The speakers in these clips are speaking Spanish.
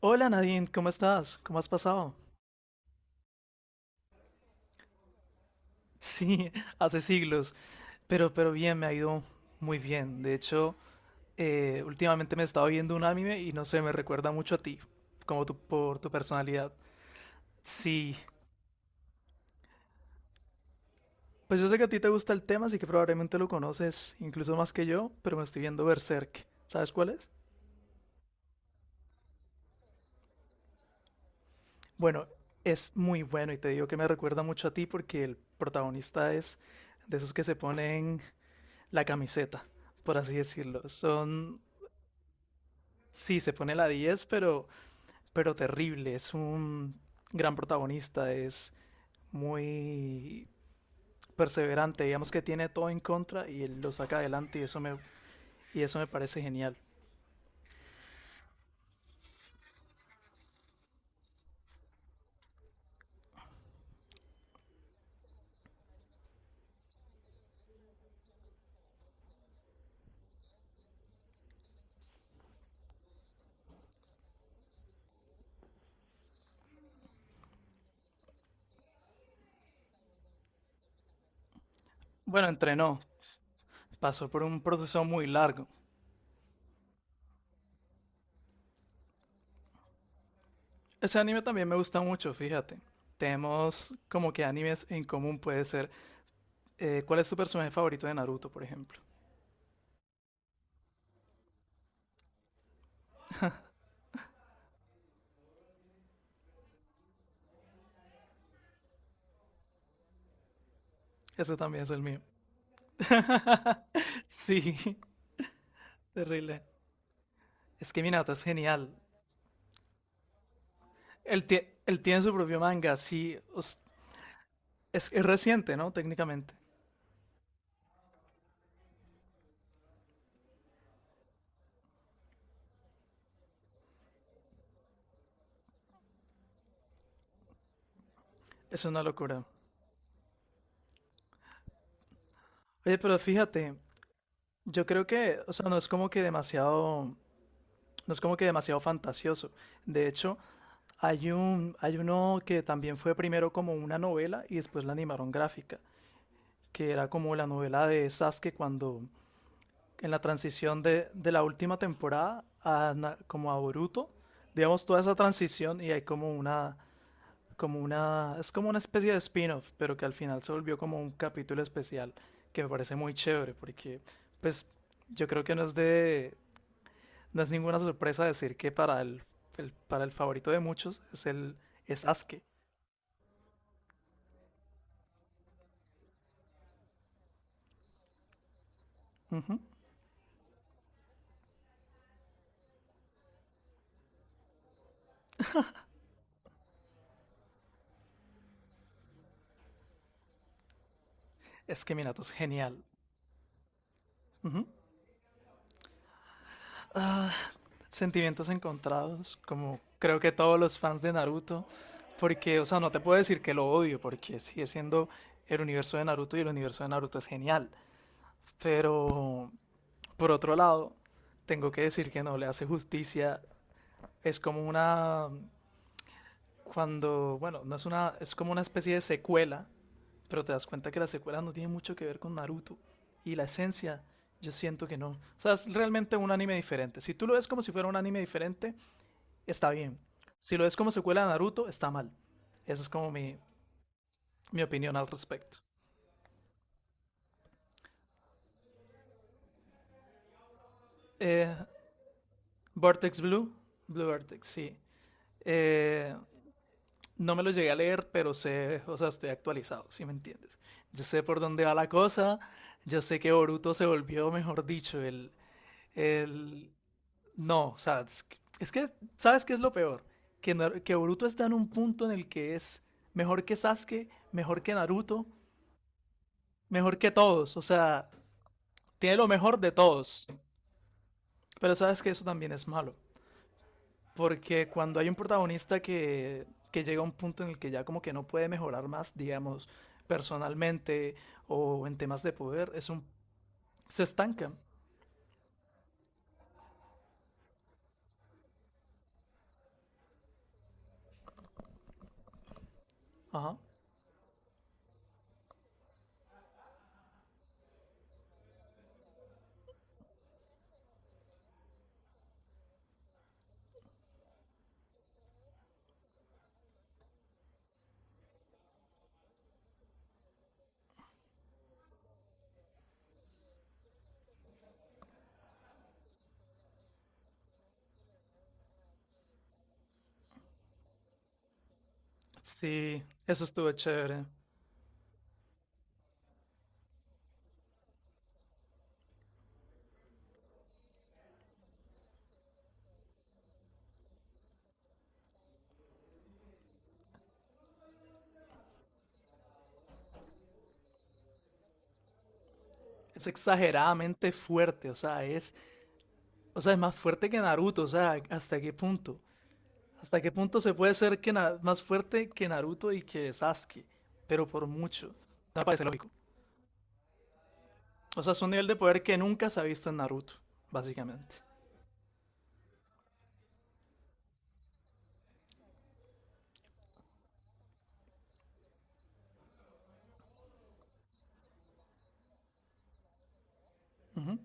Hola, Nadine, ¿cómo estás? ¿Cómo has pasado? Sí, hace siglos, pero bien, me ha ido muy bien. De hecho, últimamente me he estado viendo un anime y no sé, me recuerda mucho a ti, como tu, por tu personalidad. Sí, pues yo sé que a ti te gusta el tema, así que probablemente lo conoces incluso más que yo, pero me estoy viendo Berserk. ¿Sabes cuál es? Bueno, es muy bueno y te digo que me recuerda mucho a ti porque el protagonista es de esos que se ponen la camiseta, por así decirlo. Son... Sí, se pone la 10, pero, terrible. Es un gran protagonista, es muy perseverante, digamos que tiene todo en contra y él lo saca adelante y y eso me parece genial. Bueno, entrenó, pasó por un proceso muy largo. Ese anime también me gusta mucho, fíjate. Tenemos como que animes en común, puede ser. ¿Cuál es tu personaje favorito de Naruto, por ejemplo? Ese también es el mío. Sí, terrible. Es que Minato es genial. Él, él tiene su propio manga, sí. Es reciente, ¿no? Técnicamente. Es una locura. Oye, pero fíjate, yo creo que, o sea, no es como que demasiado, no es como que demasiado fantasioso. De hecho, hay uno que también fue primero como una novela y después la animaron gráfica, que era como la novela de Sasuke cuando, en la transición de la última temporada a, como a Boruto, digamos toda esa transición y hay como una... Es como una especie de spin-off, pero que al final se volvió como un capítulo especial, que me parece muy chévere, porque pues yo creo que no es ninguna sorpresa decir que para el favorito de muchos es Asuke. Ujú. Es que Minato es genial. Ujú. Ah, sentimientos encontrados, como creo que todos los fans de Naruto, porque, o sea, no te puedo decir que lo odio, porque sigue siendo el universo de Naruto y el universo de Naruto es genial, pero... Por otro lado, tengo que decir que no le hace justicia. Es como una, cuando, Bueno, no es una, es como una especie de secuela, pero te das cuenta que la secuela no tiene mucho que ver con Naruto. Y la esencia, yo siento que no. O sea, es realmente un anime diferente. Si tú lo ves como si fuera un anime diferente, está bien. Si lo ves como secuela de Naruto, está mal. Esa es como Mi opinión al respecto. Eh, Vortex Blue, Blue Vortex, sí. Eh, no me lo llegué a leer, pero sé, o sea, estoy actualizado, si me entiendes. Yo sé por dónde va la cosa, yo sé que Boruto se volvió, mejor dicho, el... No, o sea, es que... ¿Sabes qué es lo peor? Que, que Boruto está en un punto en el que es mejor que Sasuke, mejor que Naruto, mejor que todos, o sea, tiene lo mejor de todos. Pero sabes que eso también es malo. Porque cuando hay un protagonista que llega a un punto en el que ya como que no puede mejorar más, digamos, personalmente o en temas de poder, es un... se estanca. Ajá. Sí, eso estuvo chévere. Es exageradamente fuerte, o sea, es más fuerte que Naruto, o sea, ¿hasta qué punto? ¿Hasta qué punto se puede ser más fuerte que Naruto y que Sasuke? Pero por mucho. No me parece lógico. O sea, es un nivel de poder que nunca se ha visto en Naruto, básicamente. Ujú.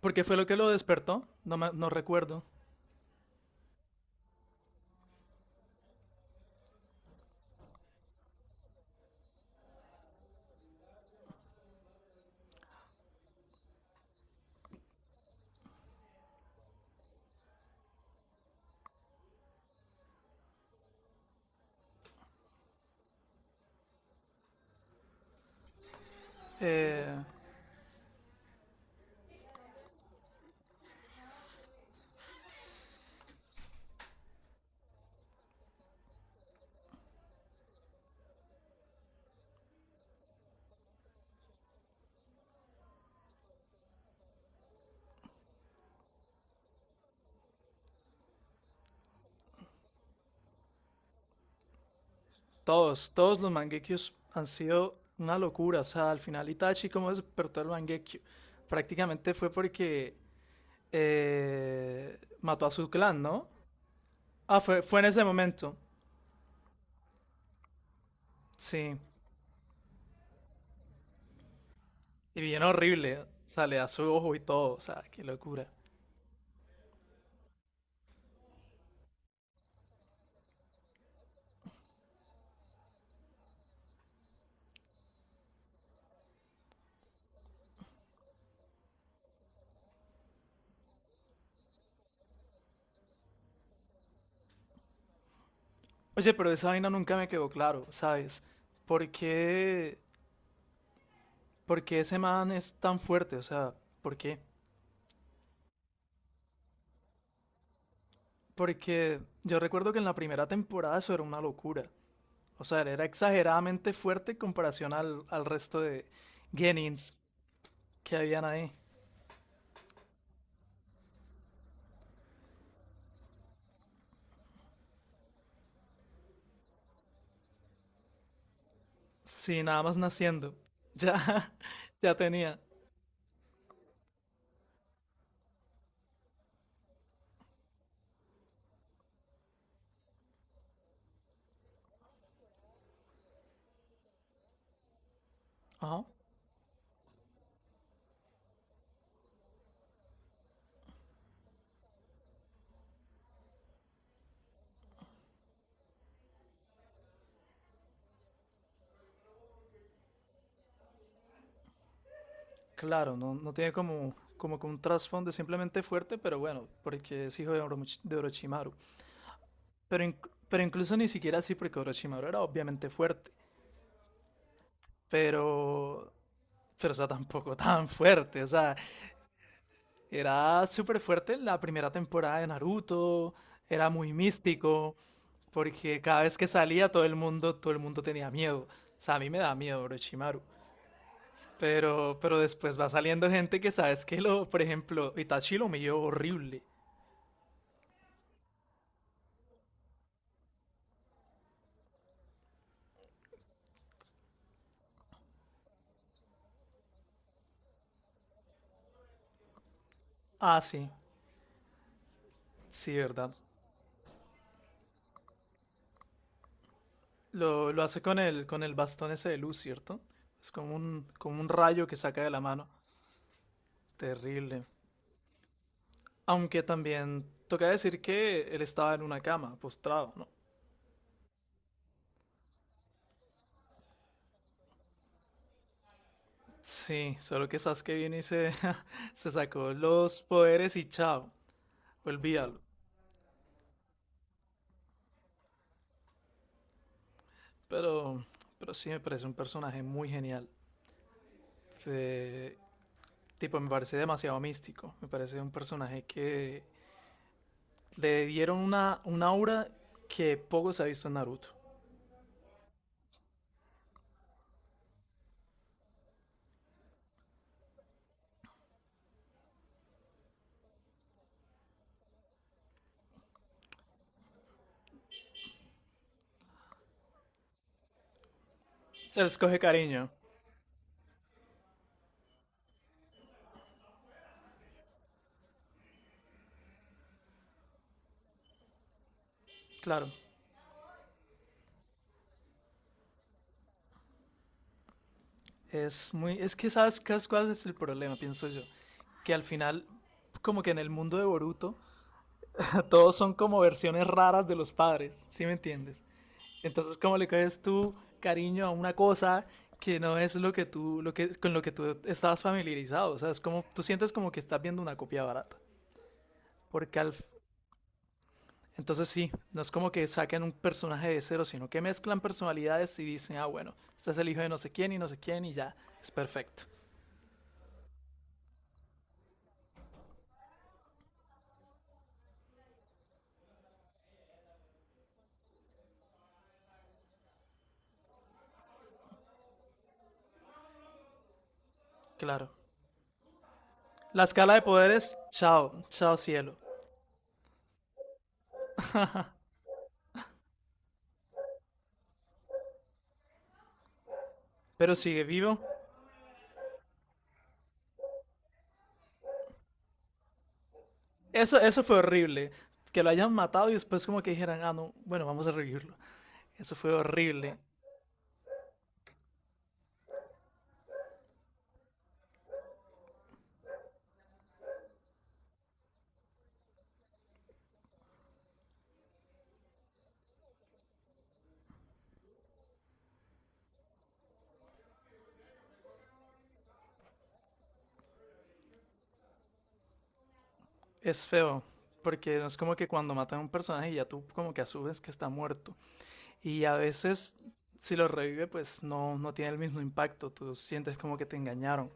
Porque fue lo que lo despertó, no, no recuerdo. Eh, todos los Mangekyous han sido una locura. O sea, al final Itachi, ¿cómo despertó el Mangekyo? Prácticamente fue porque mató a su clan, ¿no? Ah, fue en ese momento. Sí. Y bien horrible. O sea, le da su ojo y todo. O sea, qué locura. Oye, pero esa vaina nunca me quedó claro, ¿sabes? ¿Por qué, ¿por qué ese man es tan fuerte? O sea, ¿por qué? Porque yo recuerdo que en la primera temporada eso era una locura. O sea, era exageradamente fuerte en comparación al resto de Genins que habían ahí. Sí, nada más naciendo. Ya, ya tenía. Ajá. Claro, no, no tiene como, como que un trasfondo simplemente fuerte, pero bueno, porque es hijo de, de Orochimaru. Pero, pero incluso ni siquiera así, porque Orochimaru era obviamente fuerte. Pero, pero, o sea, tampoco tan fuerte. O sea, era súper fuerte la primera temporada de Naruto, era muy místico, porque cada vez que salía todo el mundo tenía miedo. O sea, a mí me da miedo Orochimaru. Pero después va saliendo gente que sabes que lo, por ejemplo, Itachi lo humilló horrible. Ah, sí, sí, verdad. Lo hace con el bastón ese de luz, ¿cierto? Es como un rayo que saca de la mano. Terrible. Aunque también toca decir que él estaba en una cama, postrado, ¿no? Sí, solo que Sasuke vino y se se sacó los poderes y chao, olvídalo. Pero, pero sí me parece un personaje muy genial. Se- Tipo, me parece demasiado místico. Me parece un personaje que le dieron una aura que poco se ha visto en Naruto. Se les coge cariño, claro. Es muy, es que sabes qué cuál es el problema, pienso yo. Que al final, como que en el mundo de Boruto, todos son como versiones raras de los padres, ¿sí me entiendes? Entonces, ¿cómo le caes tú cariño a una cosa que no es lo que tú, lo que, con lo que tú estabas familiarizado? O sea, es como, tú sientes como que estás viendo una copia barata. Porque al, entonces sí, no es como que saquen un personaje de cero, sino que mezclan personalidades y dicen, ah, bueno, este es el hijo de no sé quién y no sé quién y ya, es perfecto. Claro. La escala de poderes, chao, chao cielo. Pero sigue vivo. Eso fue horrible. Que lo hayan matado y después como que dijeran, ah, no, bueno, vamos a revivirlo. Eso fue horrible. Es feo, porque no es como que cuando matan a un personaje ya tú como que asumes que está muerto. Y a veces si lo revive pues no, no tiene el mismo impacto, tú sientes como que te engañaron.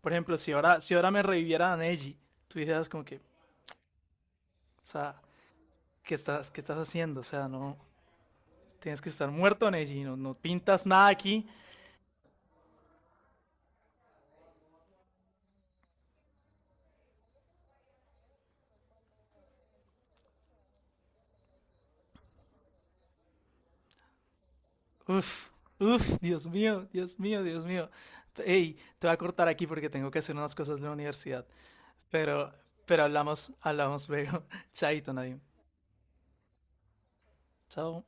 Por ejemplo, si ahora, si ahora me reviviera a Neji, tú dijeras como que, o sea, ¿qué estás haciendo? O sea, no, tienes que estar muerto, Neji, no, no pintas nada aquí. Uf, uf, Dios mío, Dios mío, Dios mío. Ey, te voy a cortar aquí porque tengo que hacer unas cosas de la universidad. Pero, pero hablamos, hablamos luego. Chaito, Nadim. Chao.